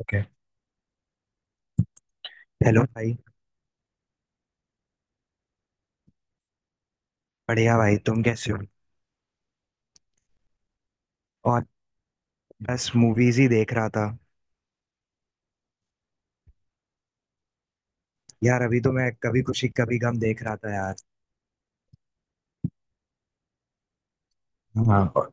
Okay. Hello भाई। बढ़िया भाई, तुम कैसे हो? और बस मूवीज ही देख रहा था। यार अभी तो मैं कभी खुशी कभी गम देख रहा था यार। हाँ। और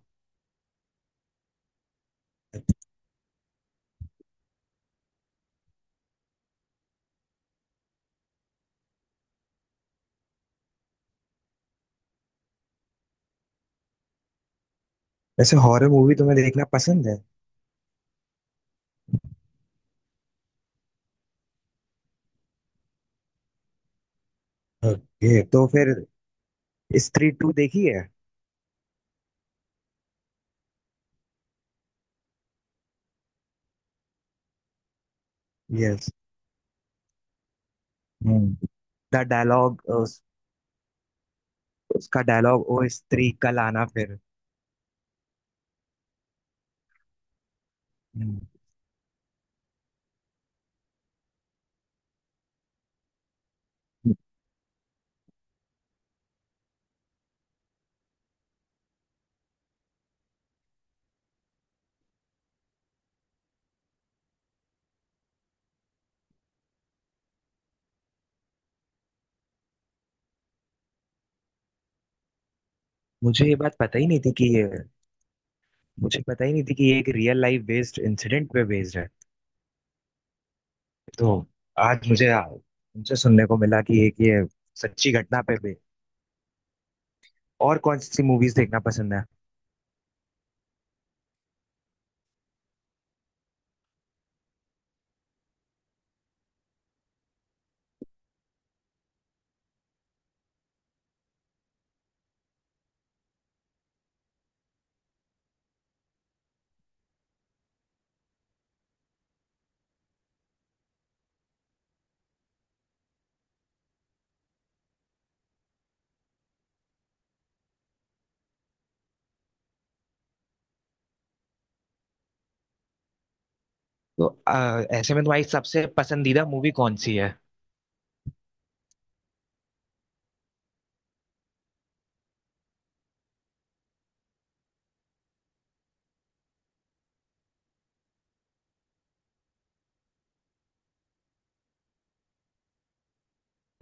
वैसे हॉरर मूवी तुम्हें देखना पसंद है? ओके तो फिर स्त्री टू देखी है? यस। हम्म। द डायलॉग उसका डायलॉग ओ स्त्री कल आना फिर। हम्म, मुझे ये बात पता ही नहीं थी कि ये, मुझे पता ही नहीं थी कि ये एक रियल लाइफ बेस्ड इंसिडेंट पे बेस्ड है। तो आज मुझे तुमसे सुनने को मिला कि एक ये सच्ची घटना पे। और कौन सी मूवीज देखना पसंद है? तो ऐसे में तुम्हारी सबसे पसंदीदा मूवी कौन सी है?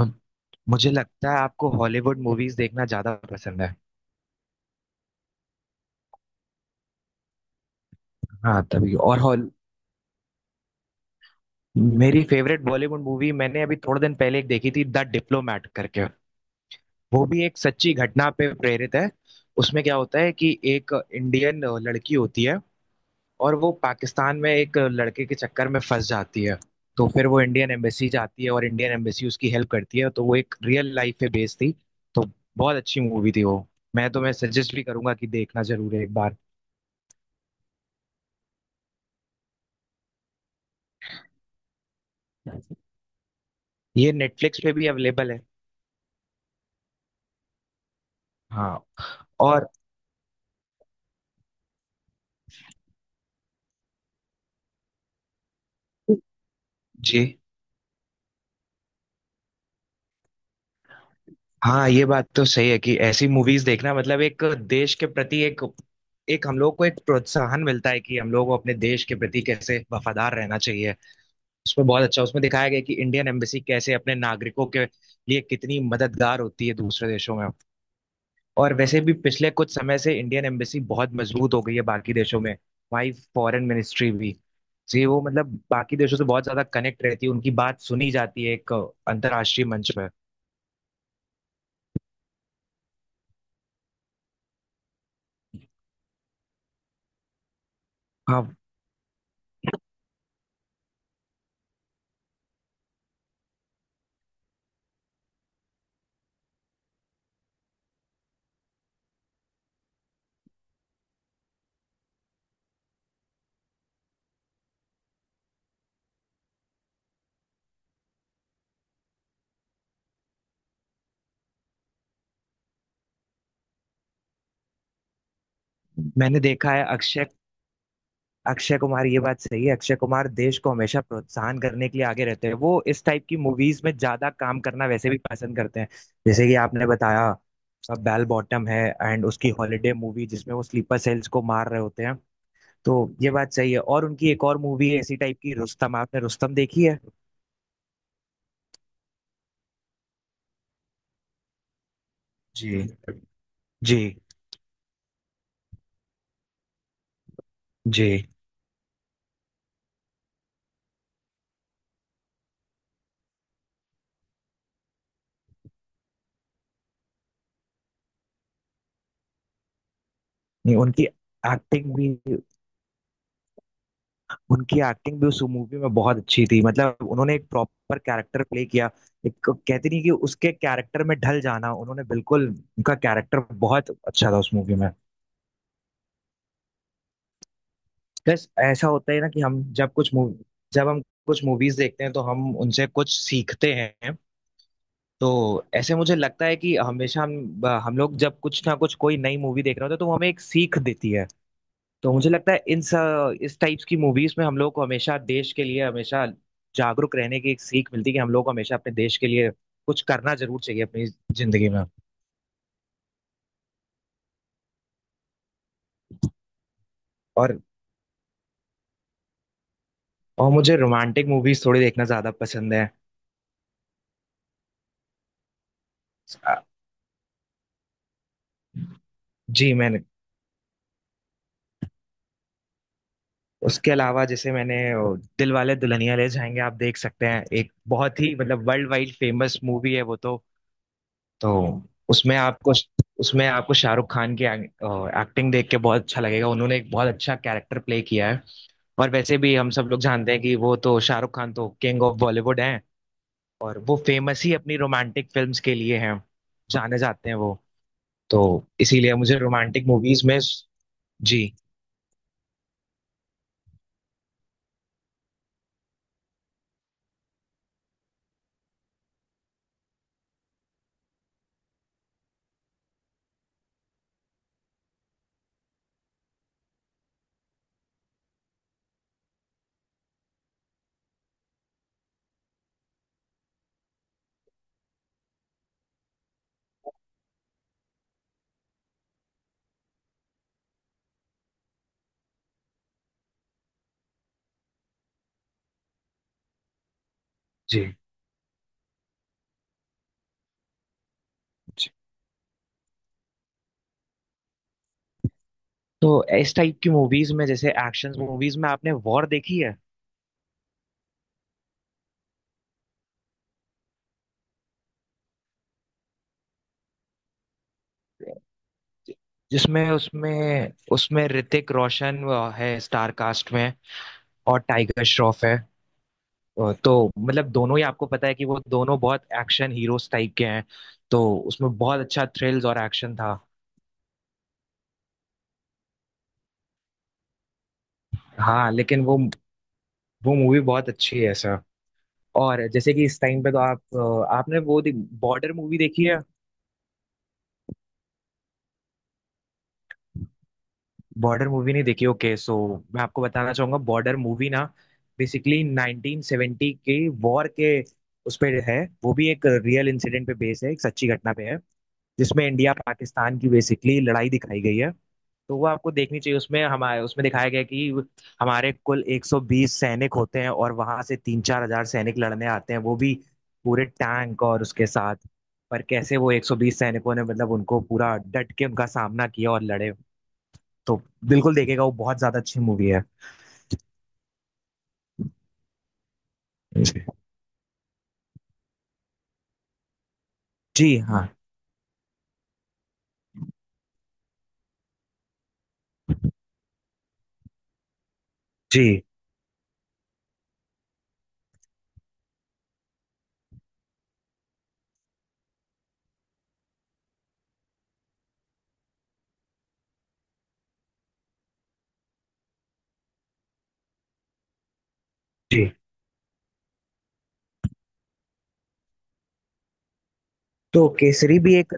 मु- मुझे लगता है आपको हॉलीवुड मूवीज देखना ज्यादा पसंद है। हाँ तभी। और हॉल। मेरी फेवरेट बॉलीवुड मूवी मैंने अभी थोड़े दिन पहले एक देखी थी, द डिप्लोमैट करके। वो भी एक सच्ची घटना पे प्रेरित है। उसमें क्या होता है कि एक इंडियन लड़की होती है और वो पाकिस्तान में एक लड़के के चक्कर में फंस जाती है। तो फिर वो इंडियन एम्बेसी जाती है और इंडियन एम्बेसी उसकी हेल्प करती है, तो वो एक रियल लाइफ पे बेस्ड थी। तो बहुत अच्छी मूवी थी वो। मैं सजेस्ट भी करूंगा कि देखना जरूर है एक बार। ये नेटफ्लिक्स पे भी अवेलेबल है। हाँ। और। जी हाँ, ये बात तो सही है कि ऐसी मूवीज देखना मतलब एक देश के प्रति एक, हम लोग को एक प्रोत्साहन मिलता है कि हम लोग को अपने देश के प्रति कैसे वफादार रहना चाहिए। उसमें बहुत अच्छा, उसमें दिखाया गया कि इंडियन एम्बेसी कैसे अपने नागरिकों के लिए कितनी मददगार होती है दूसरे देशों में। और वैसे भी पिछले कुछ समय से इंडियन एम्बेसी बहुत मजबूत हो गई है बाकी देशों में। वहीं फॉरेन मिनिस्ट्री भी, जी वो मतलब बाकी देशों से बहुत ज्यादा कनेक्ट रहती है, उनकी बात सुनी जाती है एक अंतर्राष्ट्रीय मंच पर। हाँ मैंने देखा है अक्षय अक्षय कुमार। ये बात सही है, अक्षय कुमार देश को हमेशा प्रोत्साहन करने के लिए आगे रहते हैं, वो इस टाइप की मूवीज में ज्यादा काम करना वैसे भी पसंद करते हैं, जैसे कि आपने बताया। बेल बॉटम है एंड उसकी हॉलीडे मूवी जिसमें वो स्लीपर सेल्स को मार रहे होते हैं। तो ये बात सही है, और उनकी एक और मूवी है इसी टाइप की, रुस्तम। आपने रुस्तम देखी है? जी। जी। जी। नहीं, उनकी एक्टिंग भी, उस मूवी में बहुत अच्छी थी, मतलब उन्होंने एक प्रॉपर कैरेक्टर प्ले किया। एक कहते नहीं कि उसके कैरेक्टर में ढल जाना, उन्होंने बिल्कुल उनका कैरेक्टर बहुत अच्छा था उस मूवी में। बस ऐसा होता है ना कि हम कुछ मूवीज देखते हैं तो हम उनसे कुछ सीखते हैं। तो ऐसे मुझे लगता है कि हमेशा हम लोग जब कुछ ना कुछ कोई नई मूवी देख रहे होते हैं तो वो हमें एक सीख देती है। तो मुझे लगता है इस टाइप्स की मूवीज में हम लोग को हमेशा देश के लिए हमेशा जागरूक रहने की एक सीख मिलती है कि हम लोग को हमेशा अपने देश के लिए कुछ करना जरूर चाहिए अपनी जिंदगी में। और मुझे रोमांटिक मूवीज थोड़ी देखना ज्यादा पसंद है। अ, जी मैंने, उसके अलावा जैसे मैंने दिल वाले दुल्हनिया ले जाएंगे, आप देख सकते हैं। एक बहुत ही मतलब वर्ल्ड वाइड फेमस मूवी है वो तो। तो उसमें आपको, शाहरुख खान की एक्टिंग देख के बहुत अच्छा लगेगा, उन्होंने एक बहुत अच्छा कैरेक्टर प्ले किया है। और वैसे भी हम सब लोग जानते हैं कि वो तो शाहरुख खान तो किंग ऑफ बॉलीवुड हैं। और वो फेमस ही अपनी रोमांटिक फिल्म्स के लिए हैं, जाने जाते हैं वो। तो इसीलिए मुझे रोमांटिक मूवीज में। जी। जी। जी। तो इस टाइप की मूवीज में जैसे एक्शन मूवीज में आपने वॉर देखी है? जिसमें उसमें उसमें ऋतिक रोशन है स्टार कास्ट में, और टाइगर श्रॉफ है। तो मतलब दोनों ही आपको पता है कि वो दोनों बहुत एक्शन हीरोज टाइप के हैं। तो उसमें बहुत अच्छा थ्रिल्स और एक्शन था। हाँ लेकिन वो मूवी बहुत अच्छी है सर। और जैसे कि इस टाइम पे तो आप, आपने वो बॉर्डर मूवी देखी है? बॉर्डर मूवी नहीं देखी? ओके सो मैं आपको बताना चाहूंगा, बॉर्डर मूवी ना बेसिकली 1970 के वॉर के उस पे है। वो भी एक रियल इंसिडेंट पे बेस है, एक सच्ची घटना पे है, जिसमें इंडिया पाकिस्तान की बेसिकली लड़ाई दिखाई गई है। तो वो आपको देखनी चाहिए। उसमें हमारे, उसमें दिखाया गया है कि हमारे कुल 120 सैनिक होते हैं और वहां से 3-4 हजार सैनिक लड़ने आते हैं, वो भी पूरे टैंक और उसके साथ। पर कैसे वो 120 सैनिकों ने, मतलब उनको पूरा डट के उनका सामना किया और लड़े। तो बिल्कुल देखेगा, वो बहुत ज्यादा अच्छी मूवी है। जी जी, हाँ। जी जी। तो केसरी भी एक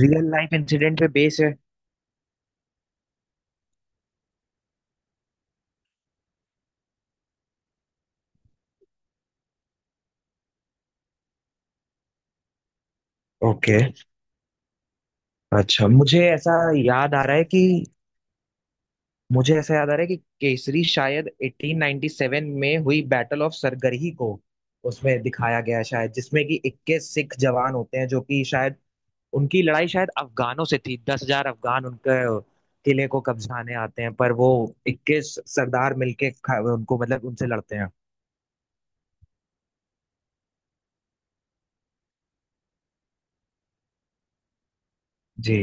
रियल लाइफ इंसिडेंट पे बेस है। ओके। अच्छा, मुझे ऐसा याद आ रहा है कि, मुझे ऐसा याद आ रहा है कि केसरी शायद 1897 में हुई बैटल ऑफ सरगढ़ी को उसमें दिखाया गया है शायद, जिसमें कि 21 सिख जवान होते हैं, जो कि शायद उनकी लड़ाई शायद अफगानों से थी। 10 हजार अफगान उनके किले को कब्जाने आते हैं, पर वो 21 सरदार मिलके उनको, मतलब उनसे लड़ते हैं। जी।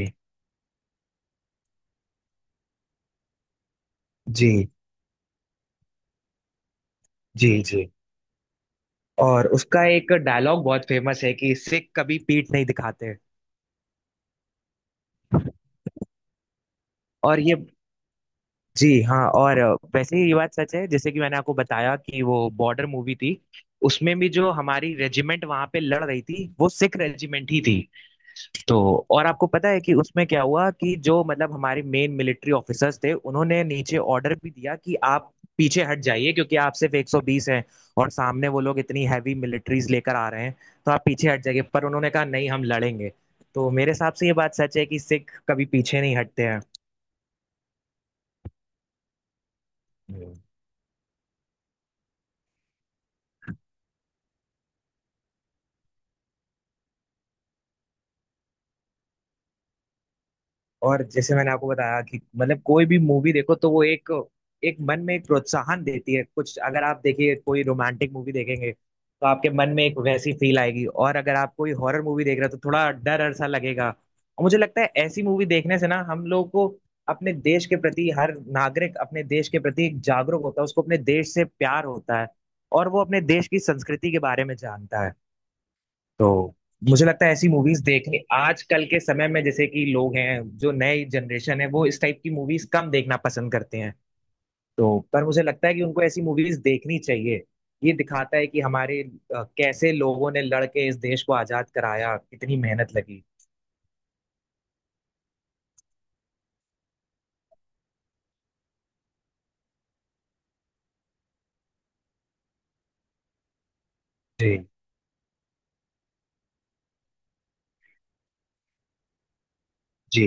जी। जी। जी। और उसका एक डायलॉग बहुत फेमस है कि सिख कभी पीठ नहीं दिखाते। और ये, जी हाँ, और वैसे ही ये बात सच है, जैसे कि मैंने आपको बताया कि वो बॉर्डर मूवी थी, उसमें भी जो हमारी रेजिमेंट वहां पे लड़ रही थी वो सिख रेजिमेंट ही थी। तो और आपको पता है कि उसमें क्या हुआ, कि जो मतलब हमारे मेन मिलिट्री ऑफिसर्स थे, उन्होंने नीचे ऑर्डर भी दिया कि आप पीछे हट जाइए क्योंकि आप सिर्फ 120 हैं, और सामने वो लोग इतनी हैवी मिलिट्रीज लेकर आ रहे हैं, तो आप पीछे हट जाइए, पर उन्होंने कहा नहीं हम लड़ेंगे। तो मेरे हिसाब से ये बात सच है कि सिख कभी पीछे नहीं हटते हैं। और जैसे मैंने आपको बताया कि मतलब कोई भी मूवी देखो तो वो एक, मन में एक प्रोत्साहन देती है कुछ। अगर आप देखिए, कोई रोमांटिक मूवी देखेंगे तो आपके मन में एक वैसी फील आएगी, और अगर आप कोई हॉरर मूवी देख रहे हो तो थोड़ा डर डर सा लगेगा, और मुझे लगता है ऐसी मूवी देखने से ना हम लोगों को, अपने देश के प्रति, हर नागरिक अपने देश के प्रति जागरूक होता है, उसको अपने देश से प्यार होता है और वो अपने देश की संस्कृति के बारे में जानता है। तो मुझे लगता है ऐसी मूवीज देखने आजकल के समय में, जैसे कि लोग हैं जो नए जनरेशन है, वो इस टाइप की मूवीज कम देखना पसंद करते हैं। तो पर मुझे लगता है कि उनको ऐसी मूवीज देखनी चाहिए। ये दिखाता है कि हमारे कैसे लोगों ने लड़ के इस देश को आजाद कराया, कितनी मेहनत लगी। जी। जी।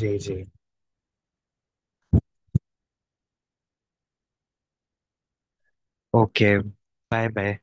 जी। जी। ओके। Bye bye.